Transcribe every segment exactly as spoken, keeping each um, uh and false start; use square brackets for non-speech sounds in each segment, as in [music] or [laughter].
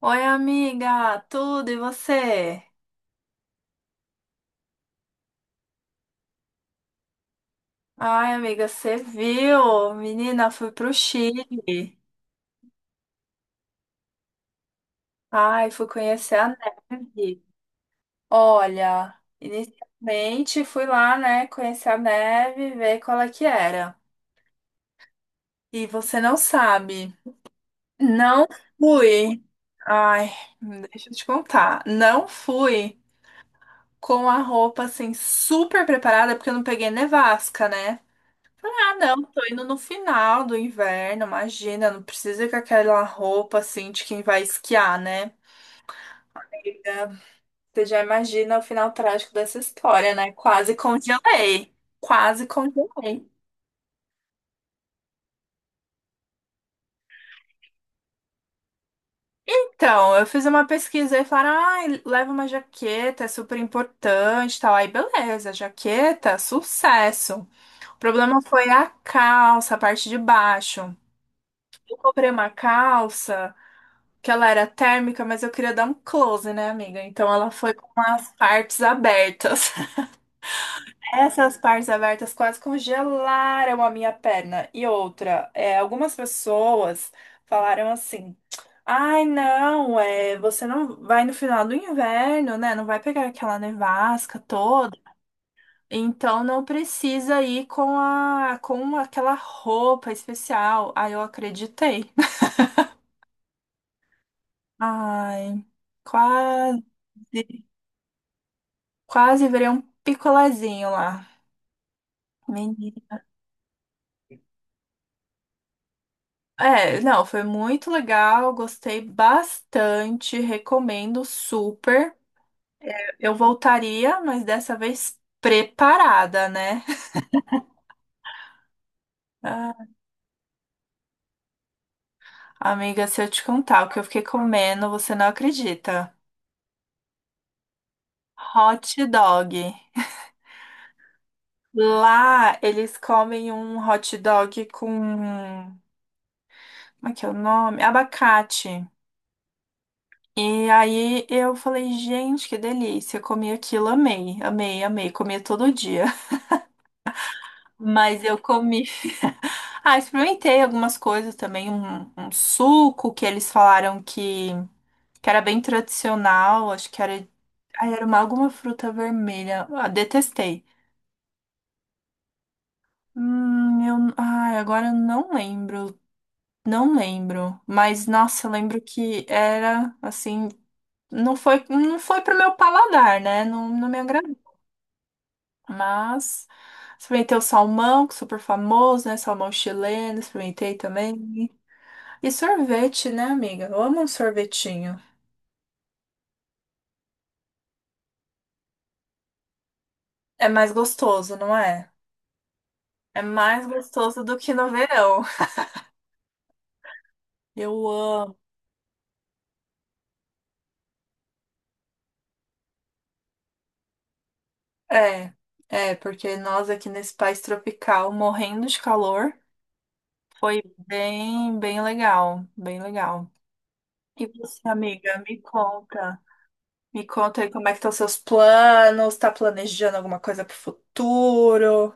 Oi, amiga, tudo e você? Ai, amiga, você viu? Menina, fui pro Chile. Ai, fui conhecer a neve. Olha, inicialmente fui lá, né, conhecer a neve, ver qual é que era. E você não sabe, não fui. Ai, deixa eu te contar. Não fui com a roupa assim super preparada, porque eu não peguei nevasca, né? Ah, não, tô indo no final do inverno, imagina, não precisa ir com aquela roupa assim de quem vai esquiar, né? Amiga, você já imagina o final trágico dessa história, né? Quase congelei. Quase congelei. Então, eu fiz uma pesquisa e falaram: ai, leva uma jaqueta, é super importante, e tal. Aí, beleza, jaqueta, sucesso. O problema foi a calça, a parte de baixo. Eu comprei uma calça que ela era térmica, mas eu queria dar um close, né, amiga? Então ela foi com as partes abertas. [laughs] Essas partes abertas quase congelaram a minha perna. E outra, é, algumas pessoas falaram assim: ai, não, é, você não vai no final do inverno, né? Não vai pegar aquela nevasca toda. Então não precisa ir com a com aquela roupa especial. Aí eu acreditei. [laughs] Ai, quase. Quase virei um picolézinho lá. Menina. É, não, foi muito legal, gostei bastante, recomendo super. Eu voltaria, mas dessa vez preparada, né? Ah, amiga, se eu te contar o que eu fiquei comendo, você não acredita. Hot dog. Lá eles comem um hot dog com. Como é que é o nome? Abacate. E aí eu falei, gente, que delícia. Comi aquilo, amei, amei, amei. Comia todo dia. [laughs] Mas eu comi. [laughs] Ah, experimentei algumas coisas também. Um, um suco que eles falaram que, que era bem tradicional. Acho que era. Ai, era uma, alguma fruta vermelha. Ah, detestei. Hum, eu. Ai, agora eu não lembro. Não lembro. Mas, nossa, eu lembro que era assim. Não foi, não foi pro meu paladar, né? Não, não me agradou. Mas experimentei o salmão, que é super famoso, né? Salmão chileno, experimentei também. E sorvete, né, amiga? Eu amo um sorvetinho. É mais gostoso, não é? É mais gostoso do que no verão. Eu amo. É, é, porque nós aqui nesse país tropical, morrendo de calor, foi bem, bem legal, bem legal. E você, amiga, me conta. Me conta aí como é que estão seus planos, tá planejando alguma coisa pro futuro?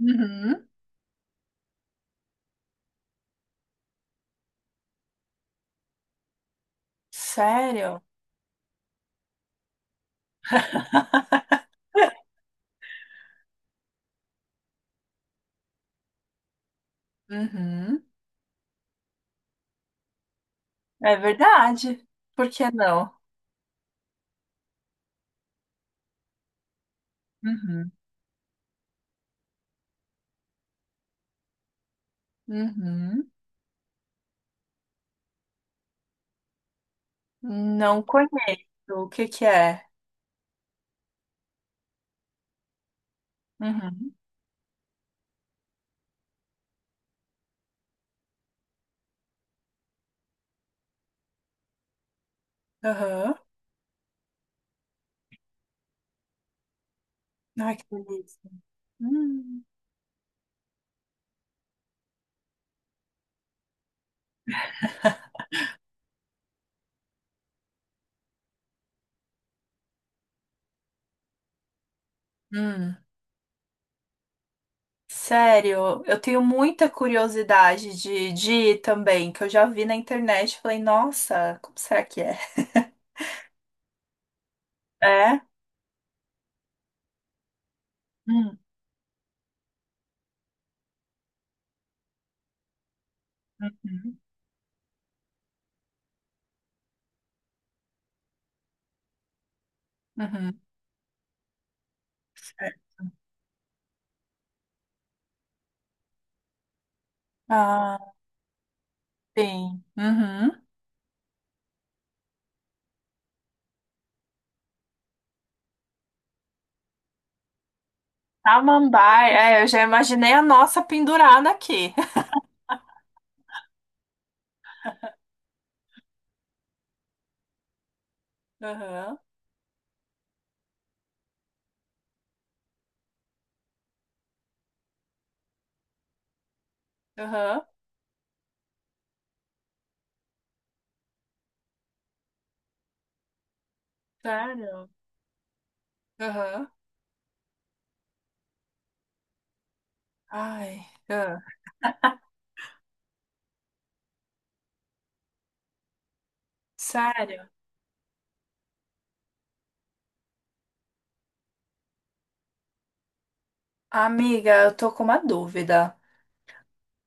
Uhum. Sério? Uhum. É verdade. Por que não? Uhum. Uhum. Não conheço. O que que é? Uhum. Aham. Ai, que delícia. Hum. Hum. Sério, eu tenho muita curiosidade de, de ir também, que eu já vi na internet e falei, nossa, como será que é? É? Hum. Uhum. Uhum. Certo. Ah, sim. Uhum. Samambaia, é, eu já imaginei a nossa pendurada aqui. [laughs] Aham, aham, sério? Aham, ai, ah, sério? Amiga, eu tô com uma dúvida.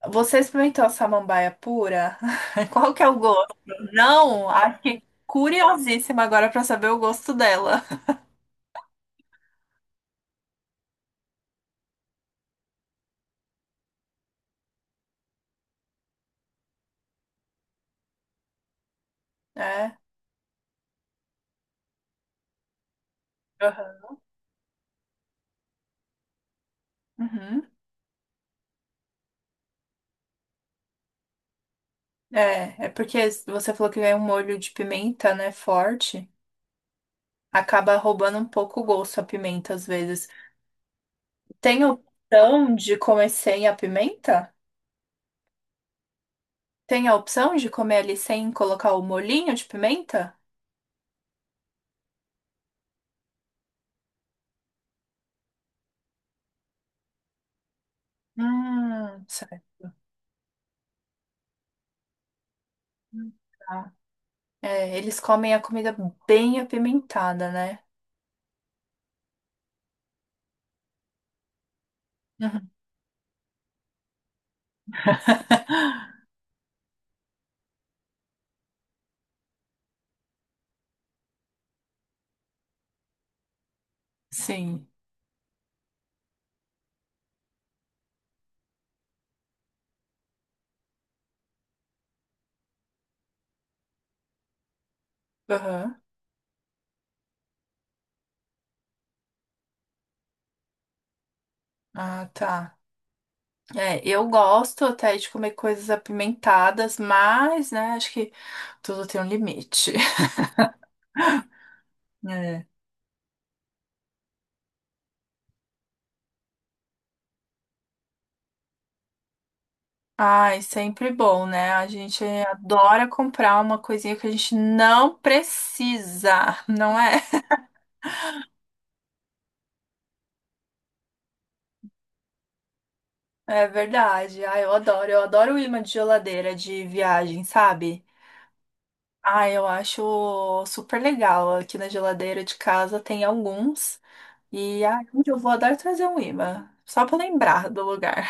Você experimentou a samambaia pura? [laughs] Qual que é o gosto? Não, acho que curiosíssima agora pra saber o gosto dela. É, aham. Uhum. É, é porque você falou que vem um molho de pimenta, né, forte. Acaba roubando um pouco o gosto a pimenta às vezes. Tem a opção de comer sem a pimenta? Tem a opção de comer ali sem colocar o molhinho de pimenta? Hum, certo. Tá. É, eles comem a comida bem apimentada, né? Uhum. Sim. Aham. Ah, tá. É, eu gosto até de comer coisas apimentadas, mas, né, acho que tudo tem um limite. [laughs] É. Ai, sempre bom, né? A gente adora comprar uma coisinha que a gente não precisa, não é? É verdade. Ah, eu adoro. Eu adoro o imã de geladeira de viagem, sabe? Ah, eu acho super legal. Aqui na geladeira de casa tem alguns. E ah, um dia eu vou adorar trazer um imã. Só pra lembrar do lugar.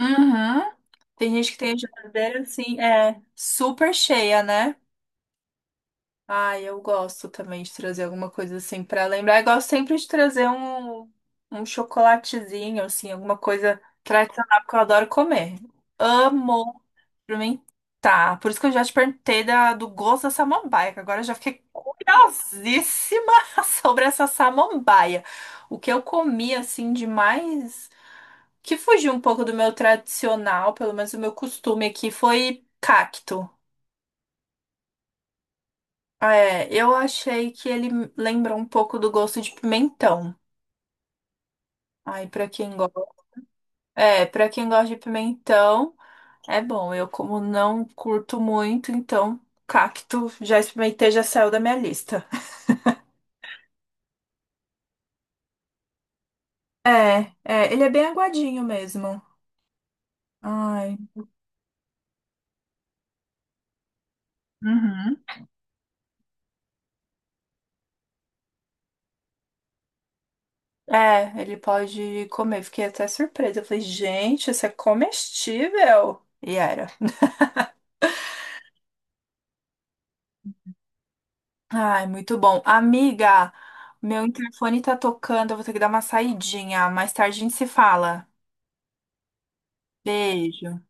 Uhum. Tem gente que tem a geladeira assim, é super cheia, né? Ah, eu gosto também de trazer alguma coisa assim pra lembrar. Eu gosto sempre de trazer um, um chocolatezinho, assim, alguma coisa tradicional, porque eu adoro comer. Amo. Experimentar. Por isso que eu já te perguntei da- do gosto da samambaia, que agora eu já fiquei curiosíssima [laughs] sobre essa samambaia. O que eu comi, assim, demais, que fugiu um pouco do meu tradicional, pelo menos o meu costume aqui, foi cacto. Ah, é, eu achei que ele lembra um pouco do gosto de pimentão. Aí pra quem gosta. É, pra quem gosta de pimentão, é bom. Eu, como não curto muito, então, cacto já experimentei, já saiu da minha lista. É, é, ele é bem aguadinho mesmo. Ai. Uhum. É, ele pode comer. Fiquei até surpresa. Eu falei, gente, isso é comestível. E era. Ai, muito bom. Amiga, meu interfone tá tocando. Eu vou ter que dar uma saidinha. Mais tarde a gente se fala. Beijo.